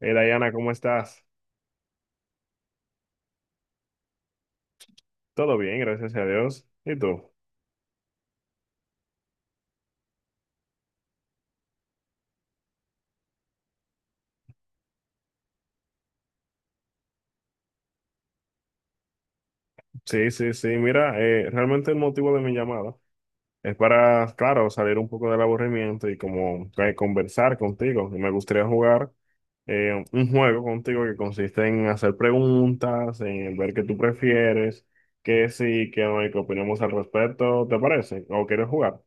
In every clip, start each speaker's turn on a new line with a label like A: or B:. A: Dayana, ¿cómo estás? Todo bien, gracias a Dios. ¿Y tú? Sí, sí, sí. Mira, realmente el motivo de mi llamada es para, claro, salir un poco del aburrimiento y como conversar contigo. Y me gustaría jugar un juego contigo que consiste en hacer preguntas, en ver qué tú prefieres, qué sí, qué no y qué opinamos al respecto. ¿Te parece? ¿O quieres jugar?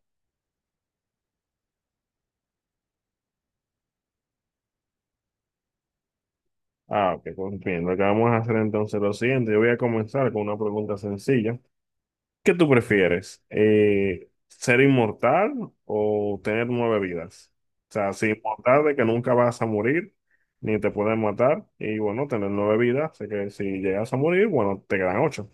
A: Ah, ok, pues bien. Lo que vamos a hacer entonces es lo siguiente. Yo voy a comenzar con una pregunta sencilla. ¿Qué tú prefieres? ¿Ser inmortal o tener 9 vidas? O sea, ser inmortal de que nunca vas a morir, ni te pueden matar, y bueno, tener 9 vidas, así que si llegas a morir, bueno, te quedan 8.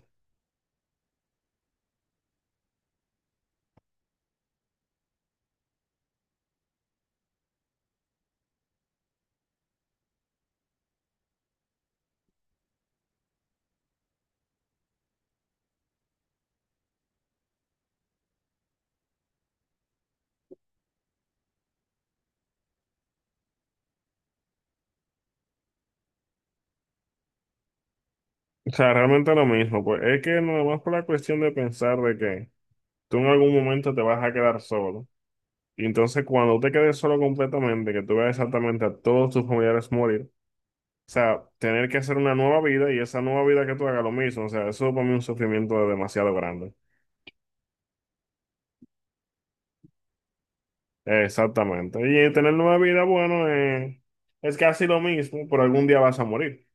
A: O sea, realmente lo mismo, pues es que nada más por la cuestión de pensar de que tú en algún momento te vas a quedar solo, y entonces cuando te quedes solo completamente, que tú veas exactamente a todos tus familiares morir. O sea, tener que hacer una nueva vida y esa nueva vida que tú hagas lo mismo. O sea, eso para mí es un sufrimiento demasiado grande. Exactamente. Y tener nueva vida, bueno, es casi lo mismo, pero algún día vas a morir.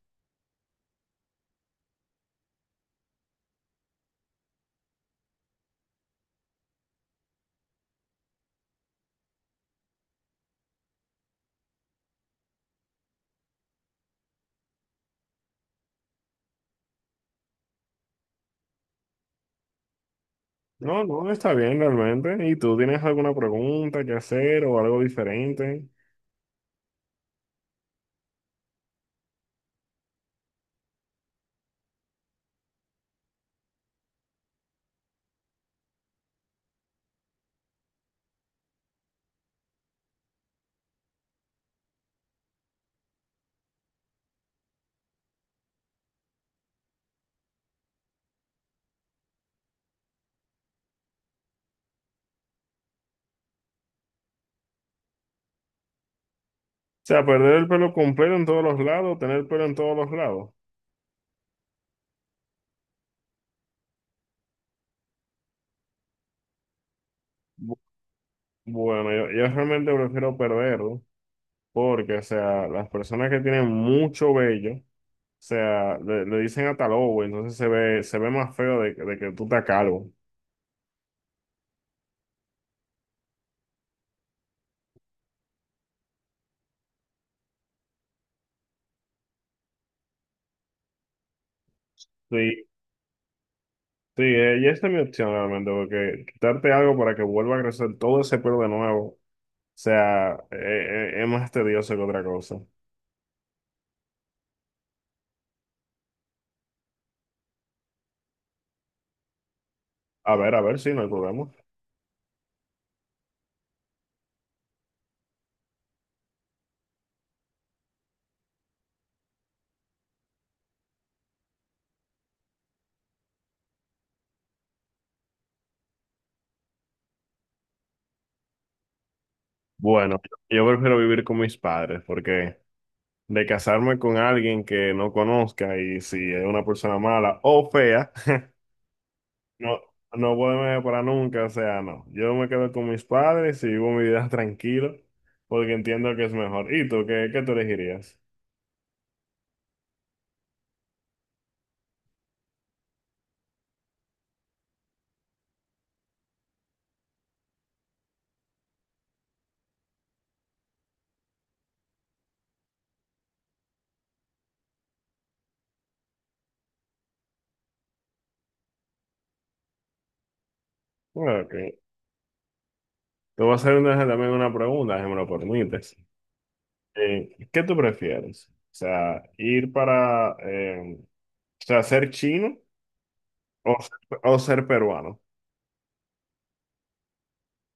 A: No, no, está bien realmente. ¿Y tú tienes alguna pregunta que hacer o algo diferente? O sea, perder el pelo completo en todos los lados, tener pelo en todos los lados. Bu- Bueno, yo realmente prefiero perderlo porque, o sea, las personas que tienen mucho vello. O sea, le dicen hasta lobo, entonces se ve más feo de, de que tú estás calvo. Sí, sí, y esta es mi opción realmente, porque quitarte algo para que vuelva a crecer todo ese pelo de nuevo, o sea, es más tedioso que otra cosa. A ver si no hay problema. Bueno, yo prefiero vivir con mis padres, porque de casarme con alguien que no conozca y si es una persona mala o fea. No, no voy a para nunca, o sea, no. Yo me quedo con mis padres y vivo mi vida tranquilo, porque entiendo que es mejor. ¿Y tú qué, qué tú elegirías? Ok. Te voy a hacer también una pregunta, si me lo permites. ¿Qué tú prefieres? O sea, ir para, o sea, ser chino o, o ser peruano. O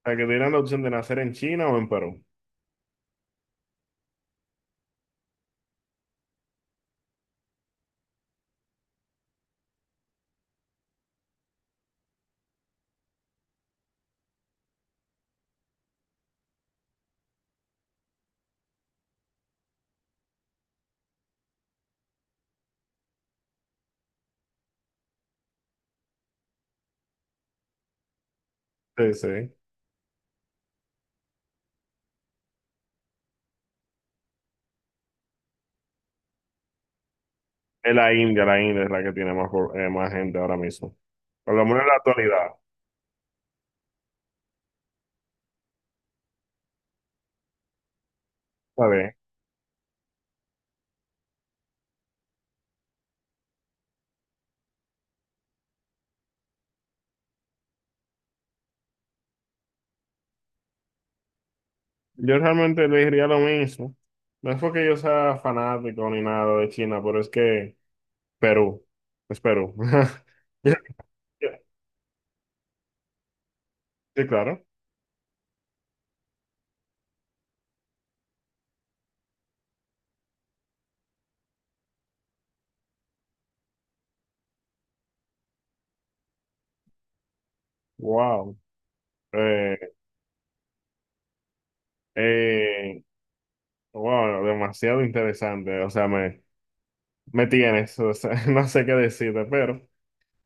A: sea, que te dieran la opción de nacer en China o en Perú. Sí, sí. Es la India es la que tiene más, más gente ahora mismo. Por lo menos en la actualidad. ¿Sabes? Yo realmente le diría lo mismo. No es porque yo sea fanático ni nada de China, pero es que Perú, es Perú. Ya, ya. Sí, claro. Wow. Eh, eh, wow, demasiado interesante. O sea, me tienes. O sea, no sé qué decirte, pero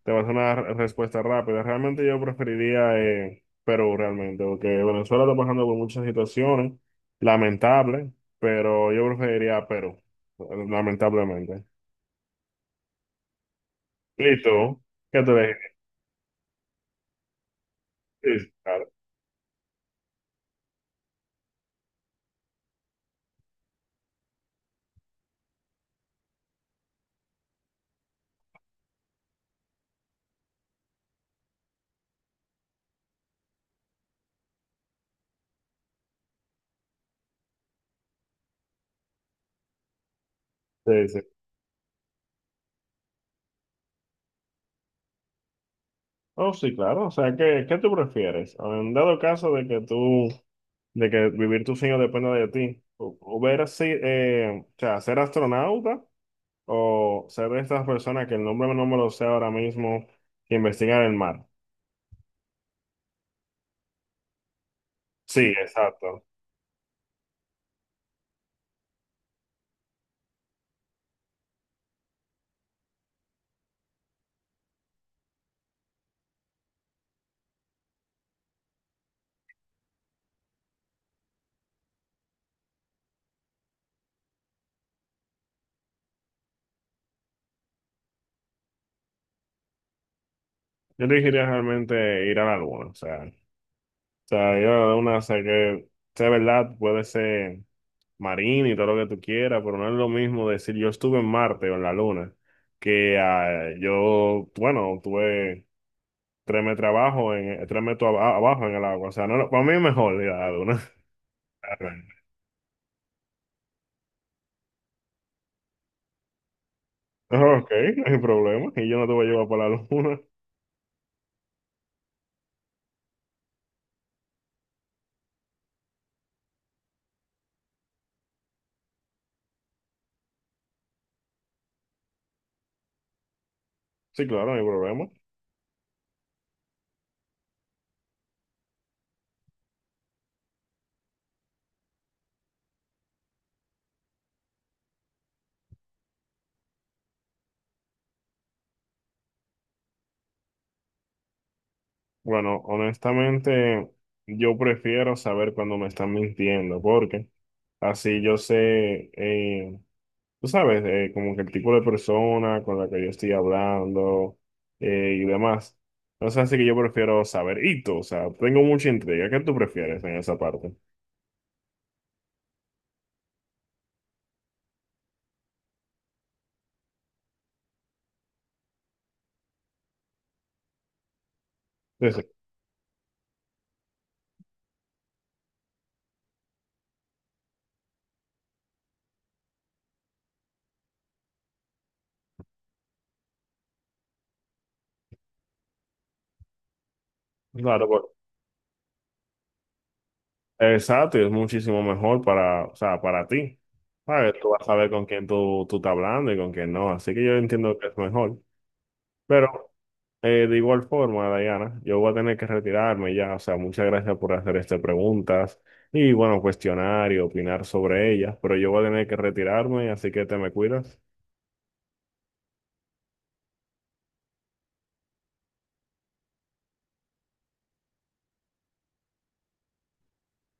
A: te vas a hacer una respuesta rápida. Realmente yo preferiría Perú, realmente, porque Venezuela está pasando por muchas situaciones lamentables, pero yo preferiría Perú, lamentablemente. ¿Y tú? ¿Qué te dije? Sí, sí, claro. Sí, sí. Oh, sí, claro. O sea, ¿qué, qué tú prefieres? En dado caso de que tú, de que vivir tus sueños dependa de ti, o ver así, o sea, ser astronauta o ser de estas personas que el nombre no me lo sé ahora mismo, que investigan el mar. Sí, exacto. Yo elegiría realmente ir a la luna. O sea, yo a la luna sé que, sea verdad, puede ser. Marino y todo lo que tú quieras, pero no es lo mismo decir yo estuve en Marte o en la Luna, que ah, yo, bueno, tuve 3 metros abajo, en, 3 metros abajo en el agua. O sea, no, para mí es mejor ir a la Luna. Ok, no hay problema. Y yo no te voy a llevar para la Luna. Sí, claro, no hay problema. Bueno, honestamente, yo prefiero saber cuando me están mintiendo, porque así yo sé. Tú sabes, como que el tipo de persona con la que yo estoy hablando y demás. Entonces, así que yo prefiero saber y o sea, tengo mucha intriga. ¿Qué tú prefieres en esa parte? Sí, sí, claro, pues, exacto, y es muchísimo mejor para, o sea, para ti. ¿Sabes? Tú vas a saber con quién tú estás hablando y con quién no, así que yo entiendo que es mejor. Pero de igual forma, Diana, yo voy a tener que retirarme ya, o sea, muchas gracias por hacer estas preguntas y bueno, cuestionar y opinar sobre ellas, pero yo voy a tener que retirarme, así que te me cuidas.